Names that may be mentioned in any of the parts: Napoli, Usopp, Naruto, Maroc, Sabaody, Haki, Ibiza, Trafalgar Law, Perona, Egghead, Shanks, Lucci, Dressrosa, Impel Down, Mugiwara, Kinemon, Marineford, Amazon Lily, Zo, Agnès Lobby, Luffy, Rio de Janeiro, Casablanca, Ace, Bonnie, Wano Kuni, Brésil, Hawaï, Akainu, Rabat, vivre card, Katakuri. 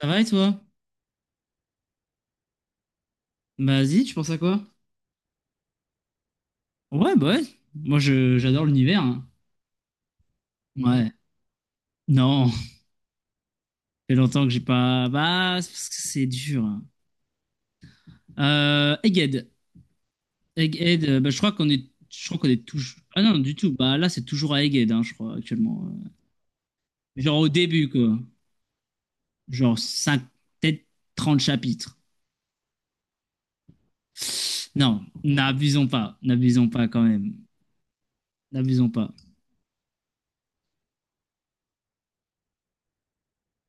Ça va et toi? Bah vas-y, tu penses à quoi? Ouais, bah ouais. Moi, je j'adore l'univers, hein. Ouais. Non, ça fait longtemps que j'ai pas. Bah, c'est parce que c'est dur, hein. Egghead. Egghead, bah, je crois qu'on est. Je crois qu'on est toujours. Ah non, du tout. Bah là, c'est toujours à Egghead, hein, je crois, actuellement. Genre au début, quoi. Genre 5, peut-être 30 chapitres. Non, n'abusons pas. N'abusons pas quand même. N'abusons pas.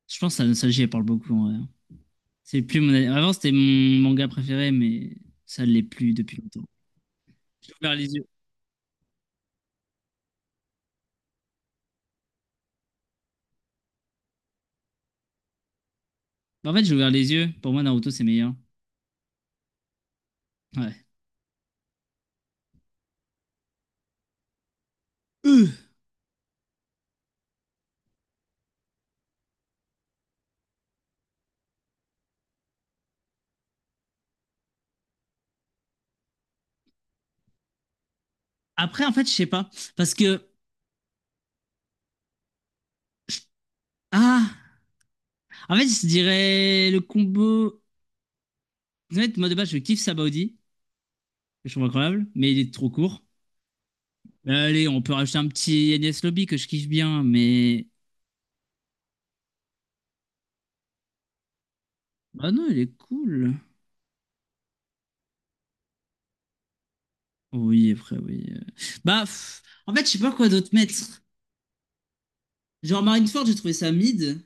Je pense que la nostalgie, elle parle beaucoup, ouais. C'est plus mon... Avant, c'était mon manga préféré, mais ça l'est plus depuis longtemps. J'ai ouvert les yeux. En fait, j'ai ouvert les yeux. Pour moi, Naruto, c'est meilleur. Ouais. Euh. Après, en fait, je sais pas. Parce que... Ah! En fait, je dirais le combo... En fait, moi, de base, je kiffe Sabaody. Que je trouve incroyable, mais il est trop court. Mais allez, on peut rajouter un petit Agnès Lobby que je kiffe bien, mais... Bah non, il est cool. Oui, après, oui. Bah, pff, en fait, je sais pas quoi d'autre mettre. Genre Marineford, j'ai trouvé ça mid.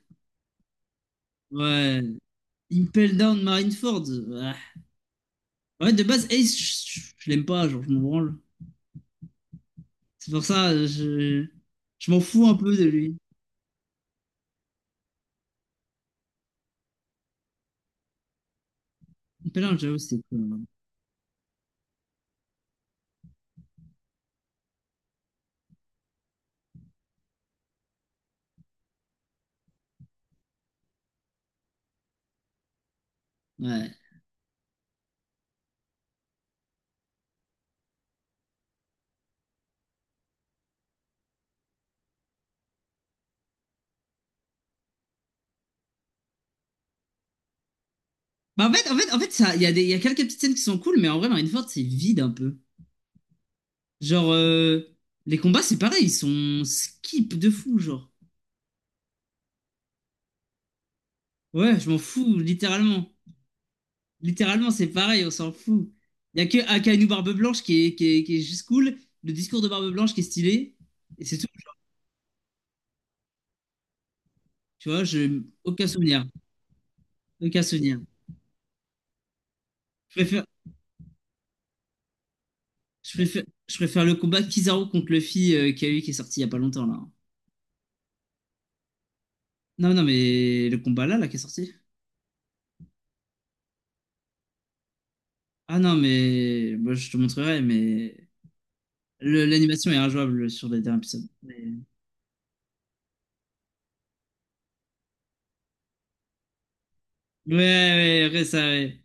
Ouais. Impel Down Marineford. Ah. Ouais, de base, Ace, je l'aime pas, genre, je m'en branle. C'est pour ça, je m'en fous un peu de lui. Impel Down, j'avoue, c'était cool, hein. Ouais. Bah, en fait, ça, il y a des, il y a quelques petites scènes qui sont cool, mais en vrai, Marineford, c'est vide un peu. Genre, les combats, c'est pareil, ils sont skip de fou, genre. Ouais, je m'en fous, littéralement. Littéralement, c'est pareil, on s'en fout. Il y a que Akainu Barbe Blanche qui est juste cool, le discours de Barbe Blanche qui est stylé, et c'est tout. Tu vois, je aucun souvenir. Donc à se dire. Je préfère, je préfère le combat Kizaru contre Luffy qu'il y a eu qui est sorti il y a pas longtemps là. Non, non, mais le combat là, qui est sorti. Ah non, mais bon, je te montrerai, mais l'animation est injouable sur les derniers épisodes. Mais- Ouais, ça, ouais.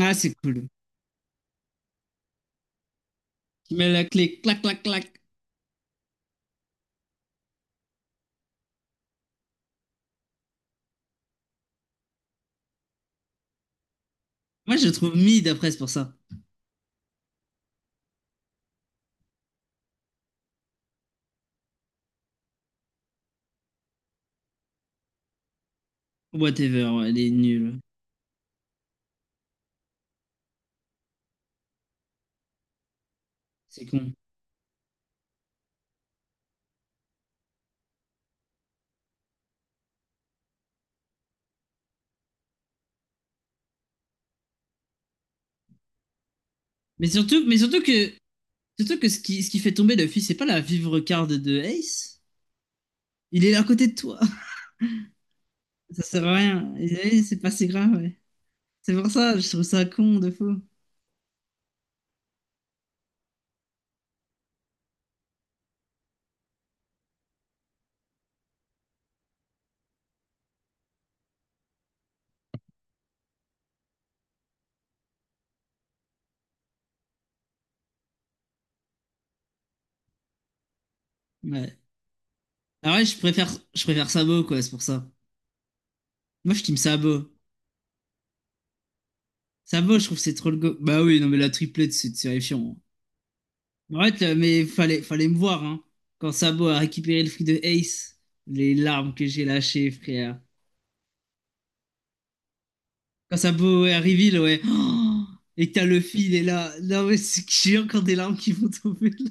Ah, c'est cool. Tu mets la clé, clac, clac, clac. Moi, je le trouve mid après, c'est pour ça. Whatever, ouais, elle est nulle. C'est con. Mais surtout, mais surtout que, surtout que ce qui fait tomber Luffy, c'est pas la vivre card de Ace. Il est là à côté de toi. Ça sert à rien. Et oui, c'est pas si grave, ouais. C'est pour ça, je trouve ça con de fou. Ouais. Ah ouais, je préfère Sabo, quoi, c'est pour ça. Moi, je team Sabo. Sabo, je trouve que c'est trop le go. Bah oui, non, mais la triplette, c'est terrifiant. En fait, là, mais fallait me voir, hein. Quand Sabo a récupéré le fruit de Ace, les larmes que j'ai lâchées, frère. Quand Sabo est à Reveal, ouais. Oh et que t'as Luffy, il est là. Non, mais c'est que j'ai encore des larmes qui vont tomber là.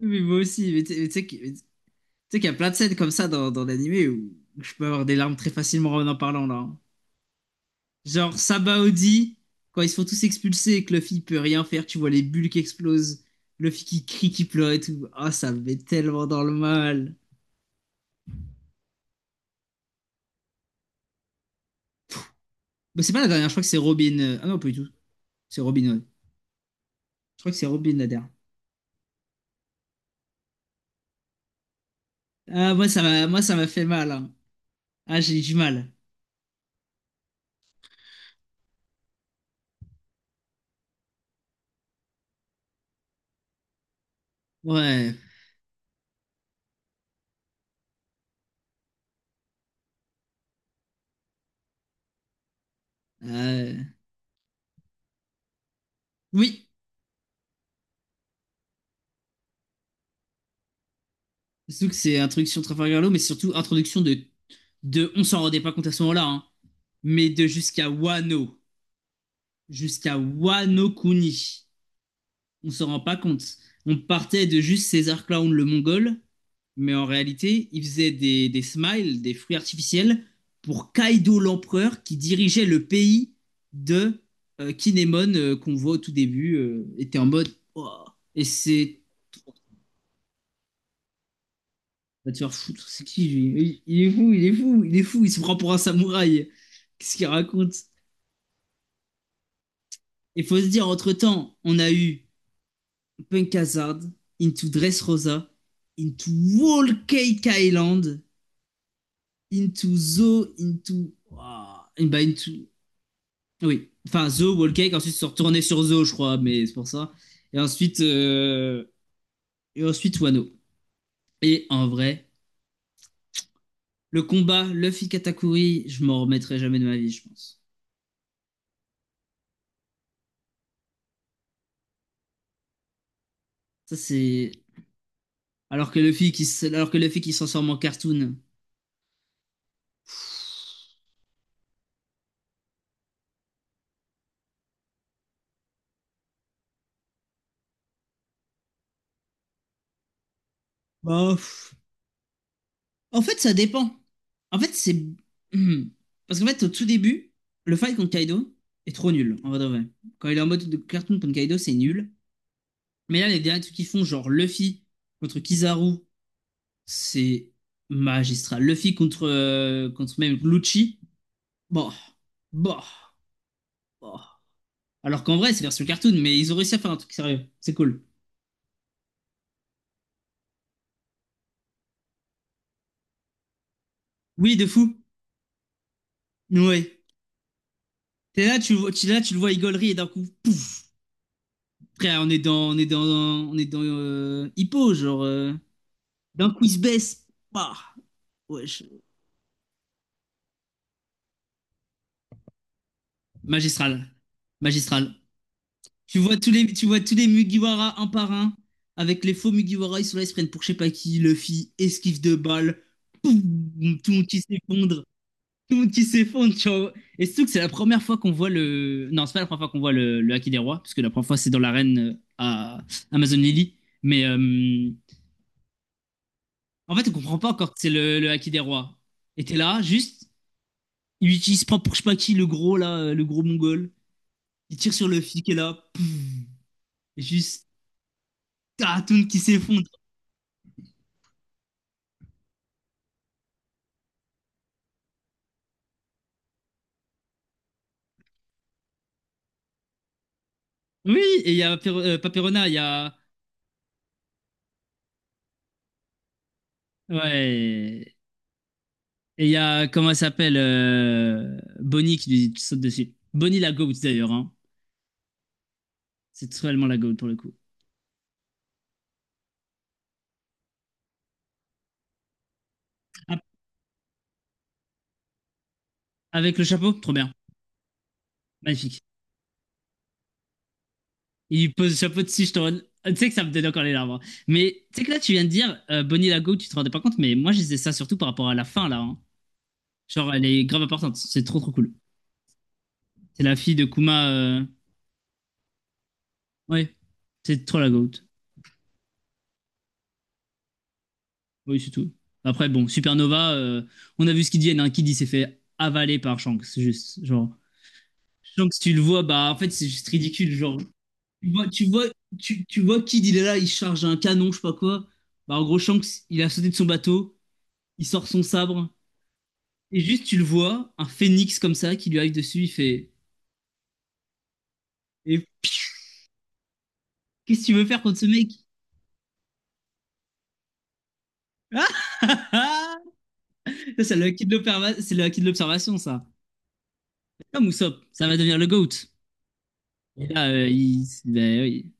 Mais moi aussi, mais tu sais que. Tu sais qu'il y a plein de scènes comme ça dans l'animé où je peux avoir des larmes très facilement en parlant là, hein. Genre Sabaody, quand ils se font tous expulser et que Luffy peut rien faire, tu vois les bulles qui explosent, Luffy qui crie, qui pleure et tout. Ah, ça me met tellement dans le mal. Bah, c'est pas la dernière, je crois que c'est Robin. Ah non, pas du tout. C'est Robin, ouais. Je crois que c'est Robin la dernière. Ah, moi, ça m'a fait mal, hein. Ah, j'ai eu du mal. Ouais. Euh, Oui. Surtout que c'est introduction de Trafalgar Law, mais surtout introduction de, on s'en rendait pas compte à ce moment-là, hein, mais de jusqu'à Wano Kuni, on s'en rend pas compte. On partait de juste César Clown le Mongol, mais en réalité, il faisait des smiles, des fruits artificiels pour Kaido l'empereur qui dirigeait le pays de Kinemon qu'on voit au tout début, était en mode Oh et c'est va te faire foutre, c'est qui lui? Il est fou, il est fou, il est fou, il se prend pour un samouraï. Qu'est-ce qu'il raconte? Il faut se dire, entre-temps, on a eu Punk Hazard, Into Dressrosa, Into Wall Cake Island, Into Zo, Into... Waouh, bah, into... Oui, enfin Zo Wall Cake, ensuite se retourner sur Zo, je crois, mais c'est pour ça. Et ensuite, euh, et ensuite Wano. Et en vrai, le combat Luffy Katakuri, je m'en remettrai jamais de ma vie, je pense. Ça c'est alors que Luffy qui s'en sort en cartoon. Bah, pff, en fait, ça dépend. En fait, c'est. Hmm. Parce qu'en fait, au tout début, le fight contre Kaido est trop nul, en vrai de vrai. Quand il est en mode de cartoon contre Kaido, c'est nul. Mais là, les derniers trucs qu'ils font, genre Luffy contre Kizaru, c'est magistral. Luffy contre, contre même Lucci, bon, bon, bon. Alors qu'en vrai, c'est version cartoon, mais ils ont réussi à faire un truc sérieux. C'est cool. Oui, de fou. Ouais. T'es là, tu le vois, il gaulerie et d'un coup, pouf. Après, on est dans Hippo, genre d'un quiz baisse. Bah, wesh. Magistral. Magistral. Tu vois tous les Mugiwara un par un. Avec les faux Mugiwara, ils sont là, ils se prennent pour je sais pas qui. Luffy, esquive de balles. Poum, tout le monde qui s'effondre. Tout le monde qui s'effondre, tu vois. Et surtout que c'est la première fois qu'on voit le. Non, c'est pas la première fois qu'on voit le Haki des Rois. Parce que la première fois, c'est dans l'arène à Amazon Lily. Mais en fait, on comprend pas encore que c'est le Haki des rois. Et t'es là, juste, il utilise pas pour je sais pas qui, le gros là, le gros mongol. Il tire sur le flic et là, pouf, juste, ah, tout qui s'effondre. Oui, et il y a pas Perona, il y a. Ouais. Et il y a, comment elle s'appelle Bonnie qui lui saute dessus. Bonnie la goat d'ailleurs, hein. C'est totalement la goat pour le coup. Ah, avec le chapeau, trop bien. Magnifique. Il pose le chapeau de Stone. Tu sais que ça me donne encore les larmes, hein. Mais tu sais que là, tu viens de dire Bonnie Lago, tu te rendais pas compte, mais moi, je disais ça surtout par rapport à la fin, là, hein. Genre, elle est grave importante. C'est trop, trop cool. C'est la fille de Kuma. Ouais, c'est trop la GOAT. Oui, c'est tout. Après, bon, Supernova, on a vu ce qu'ils disent. Hein. Kid, il s'est fait avaler par Shanks, c'est juste. Genre, Shanks, tu le vois, bah, en fait, c'est juste ridicule. Genre, tu vois, tu vois, tu, tu vois Kid, il est là, il charge un canon, je sais pas quoi. Bah, en gros, Shanks, il a sauté de son bateau, il sort son sabre, et juste, tu le vois, un phénix comme ça qui lui arrive dessus, il fait et qu'est-ce que tu veux faire contre ce mec? Ah ça, c'est le acquis de l'observa- c'est le acquis de l'observation, ça. Comme Usopp, ça va devenir le GOAT. Et là, il... ben oui.